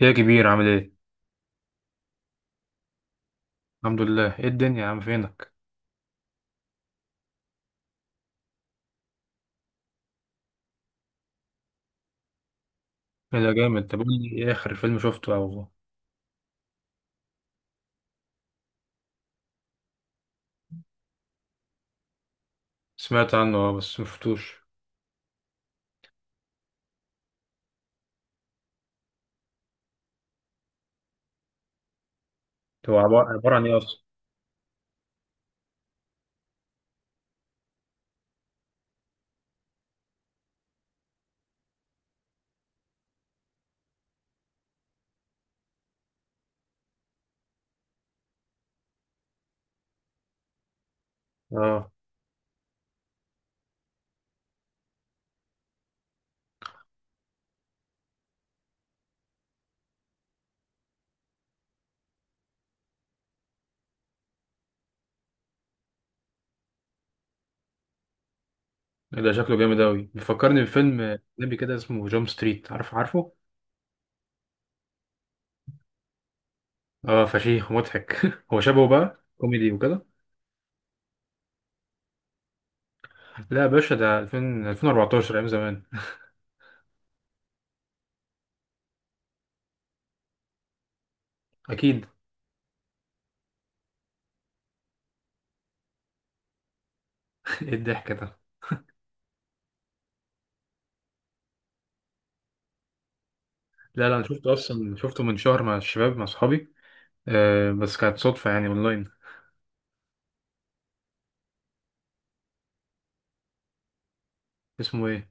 يا كبير عامل ايه؟ الحمد لله، ايه الدنيا يا عم، فينك؟ ايه ده جامد، طب قول لي ايه اخر فيلم شفته او سمعت عنه؟ اه بس مشفتوش. عبارة عن ايه اصلا؟ اه ايه ده شكله جامد اوي، بيفكرني بفيلم اجنبي كده اسمه جامب ستريت، عارف؟ عارفه؟ اه فشيخ ومضحك. هو شبهه بقى كوميدي وكده. لا يا باشا، ده 2000 2014، ايام زمان. اكيد. ايه الضحك ده؟ لا لا، انا شفته اصلا، شفته من شهر مع الشباب، مع اصحابي. آه، بس كانت صدفة يعني، اونلاين. اسمه ايه؟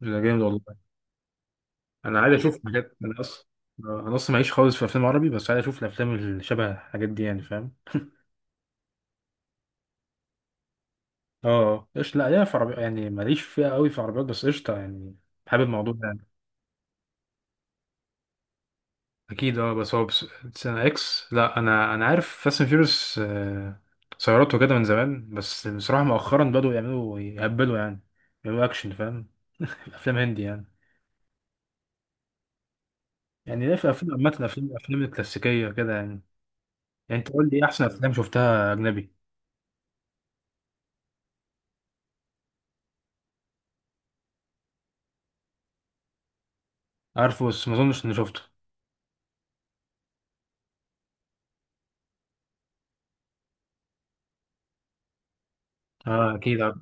ده جامد والله. انا عايز اشوف حاجات، انا اصلا انا اصلا معيش خالص في افلام عربي، بس عايز اشوف الافلام اللي شبه الحاجات دي يعني، فاهم. اه ايش، لا ليا في عربي، يعني ماليش فيها قوي، في عربيات بس قشطه يعني، حابب الموضوع ده يعني. اكيد، اه بس هو بس سنة اكس. لا انا عارف فاست اند فيوريوس سيارات وكده من زمان، بس بصراحه مؤخرا بدأوا يعملوا يهبلوا يعني، يعملوا اكشن، فاهم. افلام هندي يعني. يعني ليه، في افلام عامه، الافلام الكلاسيكيه كده يعني. يعني انت قول لي إيه احسن افلام شفتها اجنبي؟ عارفه بس ما اظنش اني شفته. اه اكيد عارف،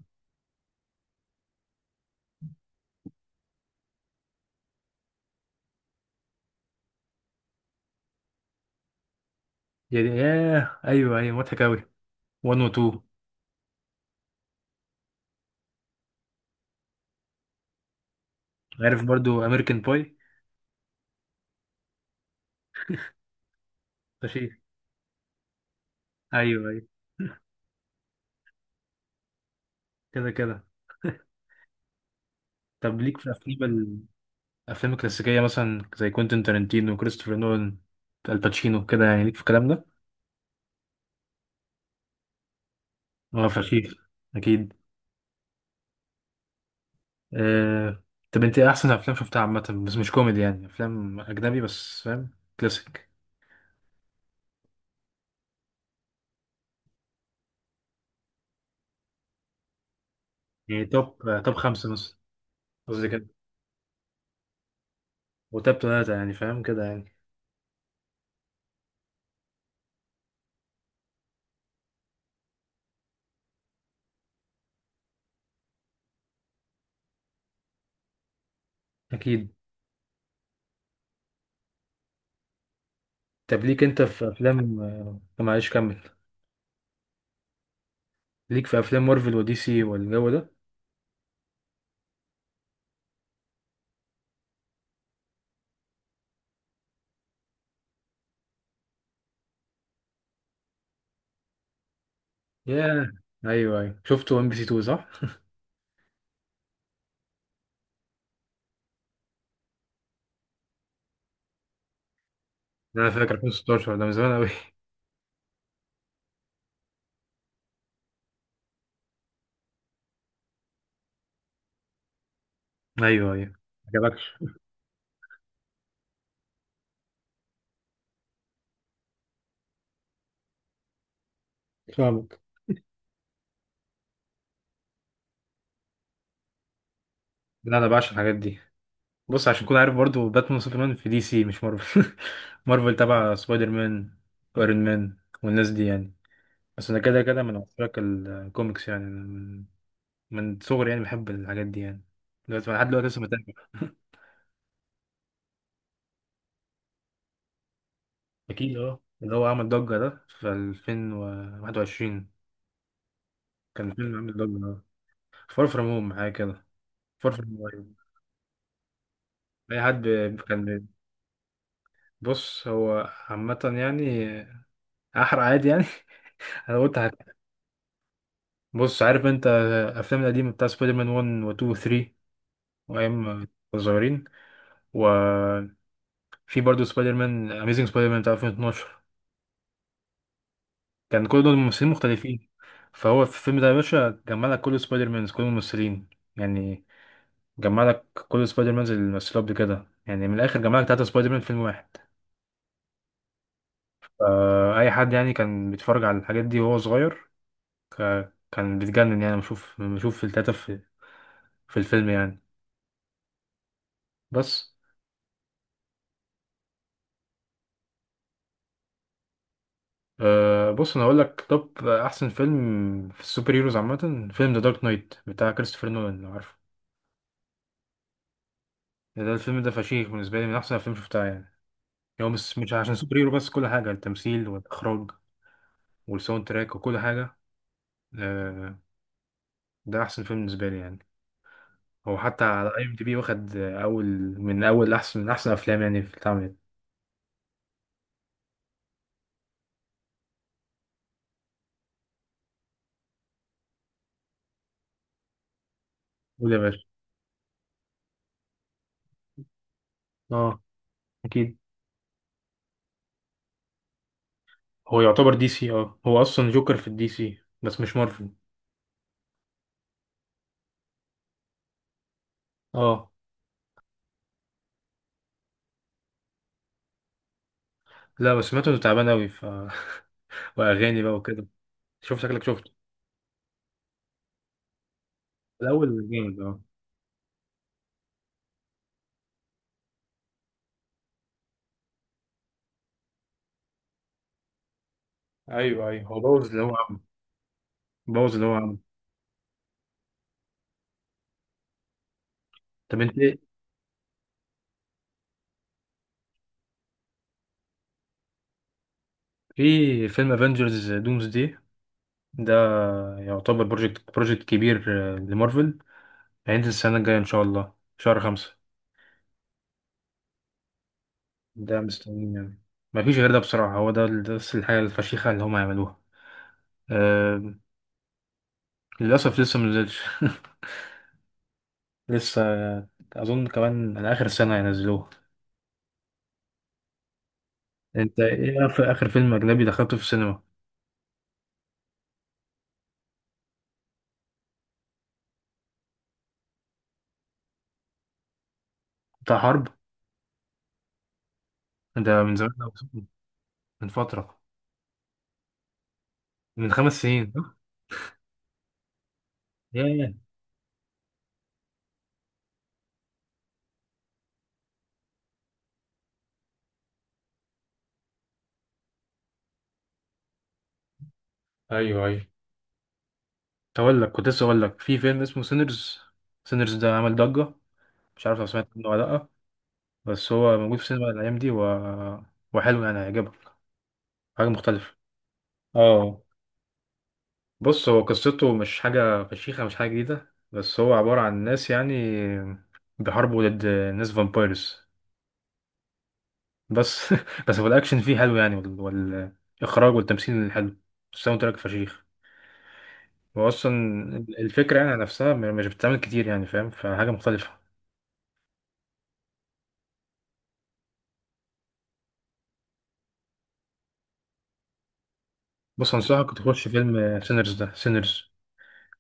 يعني ياه، ايوه ايوه مضحك اوي، 1 و 2. عارف برضو امريكان باي؟ فشيخ. ايوه ايوه، كده كده. طب ليك في افلام الافلام الكلاسيكيه، مثلا زي كوينتين تارنتينو وكريستوفر نولان الباتشينو كده يعني، ليك في الكلام ده؟ اه فشيخ. اكيد. آه، طب انت إيه احسن افلام شفتها عامه بس مش كوميدي يعني، افلام اجنبي بس، فاهم؟ كلاسيك. يعني توب توب خمسة مثلا، قصدي كده، وتوب ثلاثة يعني فاهم كده يعني. اكيد. طب ليك انت في افلام، معلش كمل. ليك في افلام مارفل ودي سي والجو ده؟ ياه ايوه ايوه، شفت ون بي سي 2 صح. انا فاكر 2016، ده من زمان قوي. ايوه ايوه، ما عجبكش. فاهمك. لا انا بعشق الحاجات دي. بص، عشان تكون عارف برضو، باتمان وسوبرمان في دي سي مش مارفل. مارفل تبع سبايدر مان وايرون مان والناس دي يعني. بس انا كده كده من عشاق الكوميكس يعني، أنا من من صغري يعني بحب الحاجات دي يعني، دلوقتي لحد دلوقتي لسه بتابع. اكيد، اه اللي هو عمل ضجة ده في 2021، كان فيلم عامل ضجة اه. فار فروم هوم حاجة كده، فار فروم هوم أيوة. اي حد ب- كان ب- بص هو عامة يعني، احرق عادي يعني. انا قلت هت- بص، عارف انت الافلام القديمة بتاع سبايدر مان 1 و 2 و 3، وايام ما كنا صغيرين، وفي برضه سبايدر مان اميزنج سبايدر مان بتاع 2012، كان كل دول ممثلين مختلفين. فهو في الفيلم ده يا باشا جمع لك كل سبايدر مانز، كل الممثلين يعني، جمع لك كل سبايدر مان اللي مثلوا قبل كده يعني، من الاخر جمع لك تلاتة سبايدر مان في فيلم واحد. فا اي حد يعني كان بيتفرج على الحاجات دي وهو صغير، كان بيتجنن يعني، بشوف في التلاتة في في الفيلم يعني. بس أه، بص انا هقول لك، طب احسن فيلم في السوبر هيروز عامه فيلم ذا دارك نايت بتاع كريستوفر نولان، لو عارفه. ده الفيلم ده فشيخ، بالنسبه لي من احسن الافلام اللي شفتها يعني. هو مش عشان سوبر هيرو، بس كل حاجه، التمثيل والاخراج والساوند تراك وكل حاجه. أه، ده احسن فيلم بالنسبه لي يعني. هو حتى على اي ام دي بي واخد اول، من اول احسن، من احسن افلام يعني في اتعملت. قول يا باشا. اه اكيد. هو يعتبر دي سي، اه هو اصلا جوكر في الدي سي بس مش مارفل. اه. لا بس سمعته انه تعبان اوي ف واغاني بقى وكده، شوف شكلك شفته. الاول جامد اه. ايوه ايوه، هو بوظ اللي هو عمله، بوظ اللي هو عمله. طب انت إيه؟ في فيلم افنجرز دومز دي، ده يعتبر بروجكت كبير، آه، لمارفل. هينزل السنه الجايه ان شاء الله شهر 5. ده مستنيين يعني، ما فيش غير ده بصراحة، هو ده ده بس الحاجة الفشيخة اللي هم يعملوها. أه. للأسف لسه منزلش. لسه. أظن كمان على آخر سنة ينزلوه. أنت إيه آخر آخر فيلم أجنبي دخلته في السينما؟ بتاع حرب؟ ده من زمان أوي، من فترة، من 5 سنين صح؟ ياه أيوه أيوه. كنت أقول لك، كنت لسه أقول لك في فيلم اسمه سينرز، سينرز ده عمل ضجة، مش عارف لو سمعت عنه ولا لأ. بس هو موجود في السينما الأيام دي، و... وحلو يعني، هيعجبك، حاجة مختلفة. اه بص، هو قصته مش حاجة فشيخة، مش حاجة جديدة، بس هو عبارة عن ناس يعني بيحاربوا ضد ناس فامبايرز. بس بس هو الأكشن فيه حلو يعني، والإخراج والتمثيل حلو، الساوند تراك فشيخ. هو أصلا الفكرة يعني نفسها مش بتتعمل كتير يعني، فاهم، فحاجة مختلفة. بص، أنصحك تخش فيلم سينرز ده، سينرز.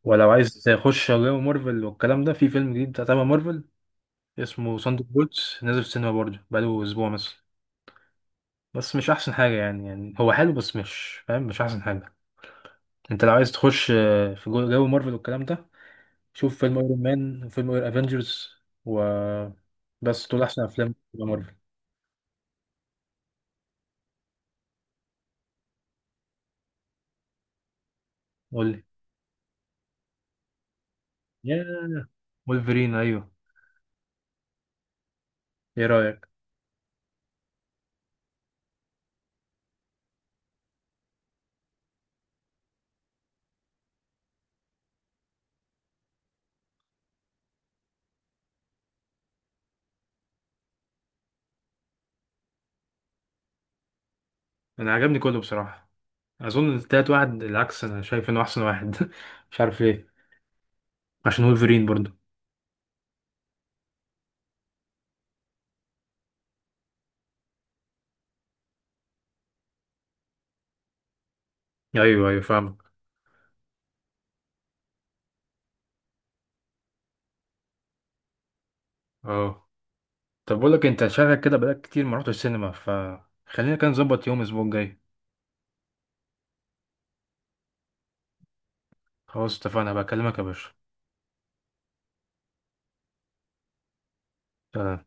ولو عايز تخش جو مارفل والكلام ده، في فيلم جديد تبع مارفل اسمه ساندر بولتس، نازل في السينما برضه بقاله أسبوع مثلا. بس مش احسن حاجه يعني، يعني هو حلو بس مش فاهم، مش احسن حاجه. انت لو عايز تخش آه، في جو جو مارفل والكلام ده، شوف فيلم ايرون مان وفيلم افنجرز، و بس دول احسن افلام في مارفل. قول لي. يا وولفرين، ايوه. ايه رايك؟ انا عجبني كله بصراحه. اظن التالت واحد العكس، انا شايف انه احسن واحد. مش عارف ليه، عشان وولفرين برضو. ايوه ايوه فاهمك. اه. طب بقول لك، انت شغلك كده بقالك كتير ما رحتش السينما، فخلينا كده نظبط يوم الاسبوع الجاي. خلاص اتفقنا، بكلمك يا باشا. سلام.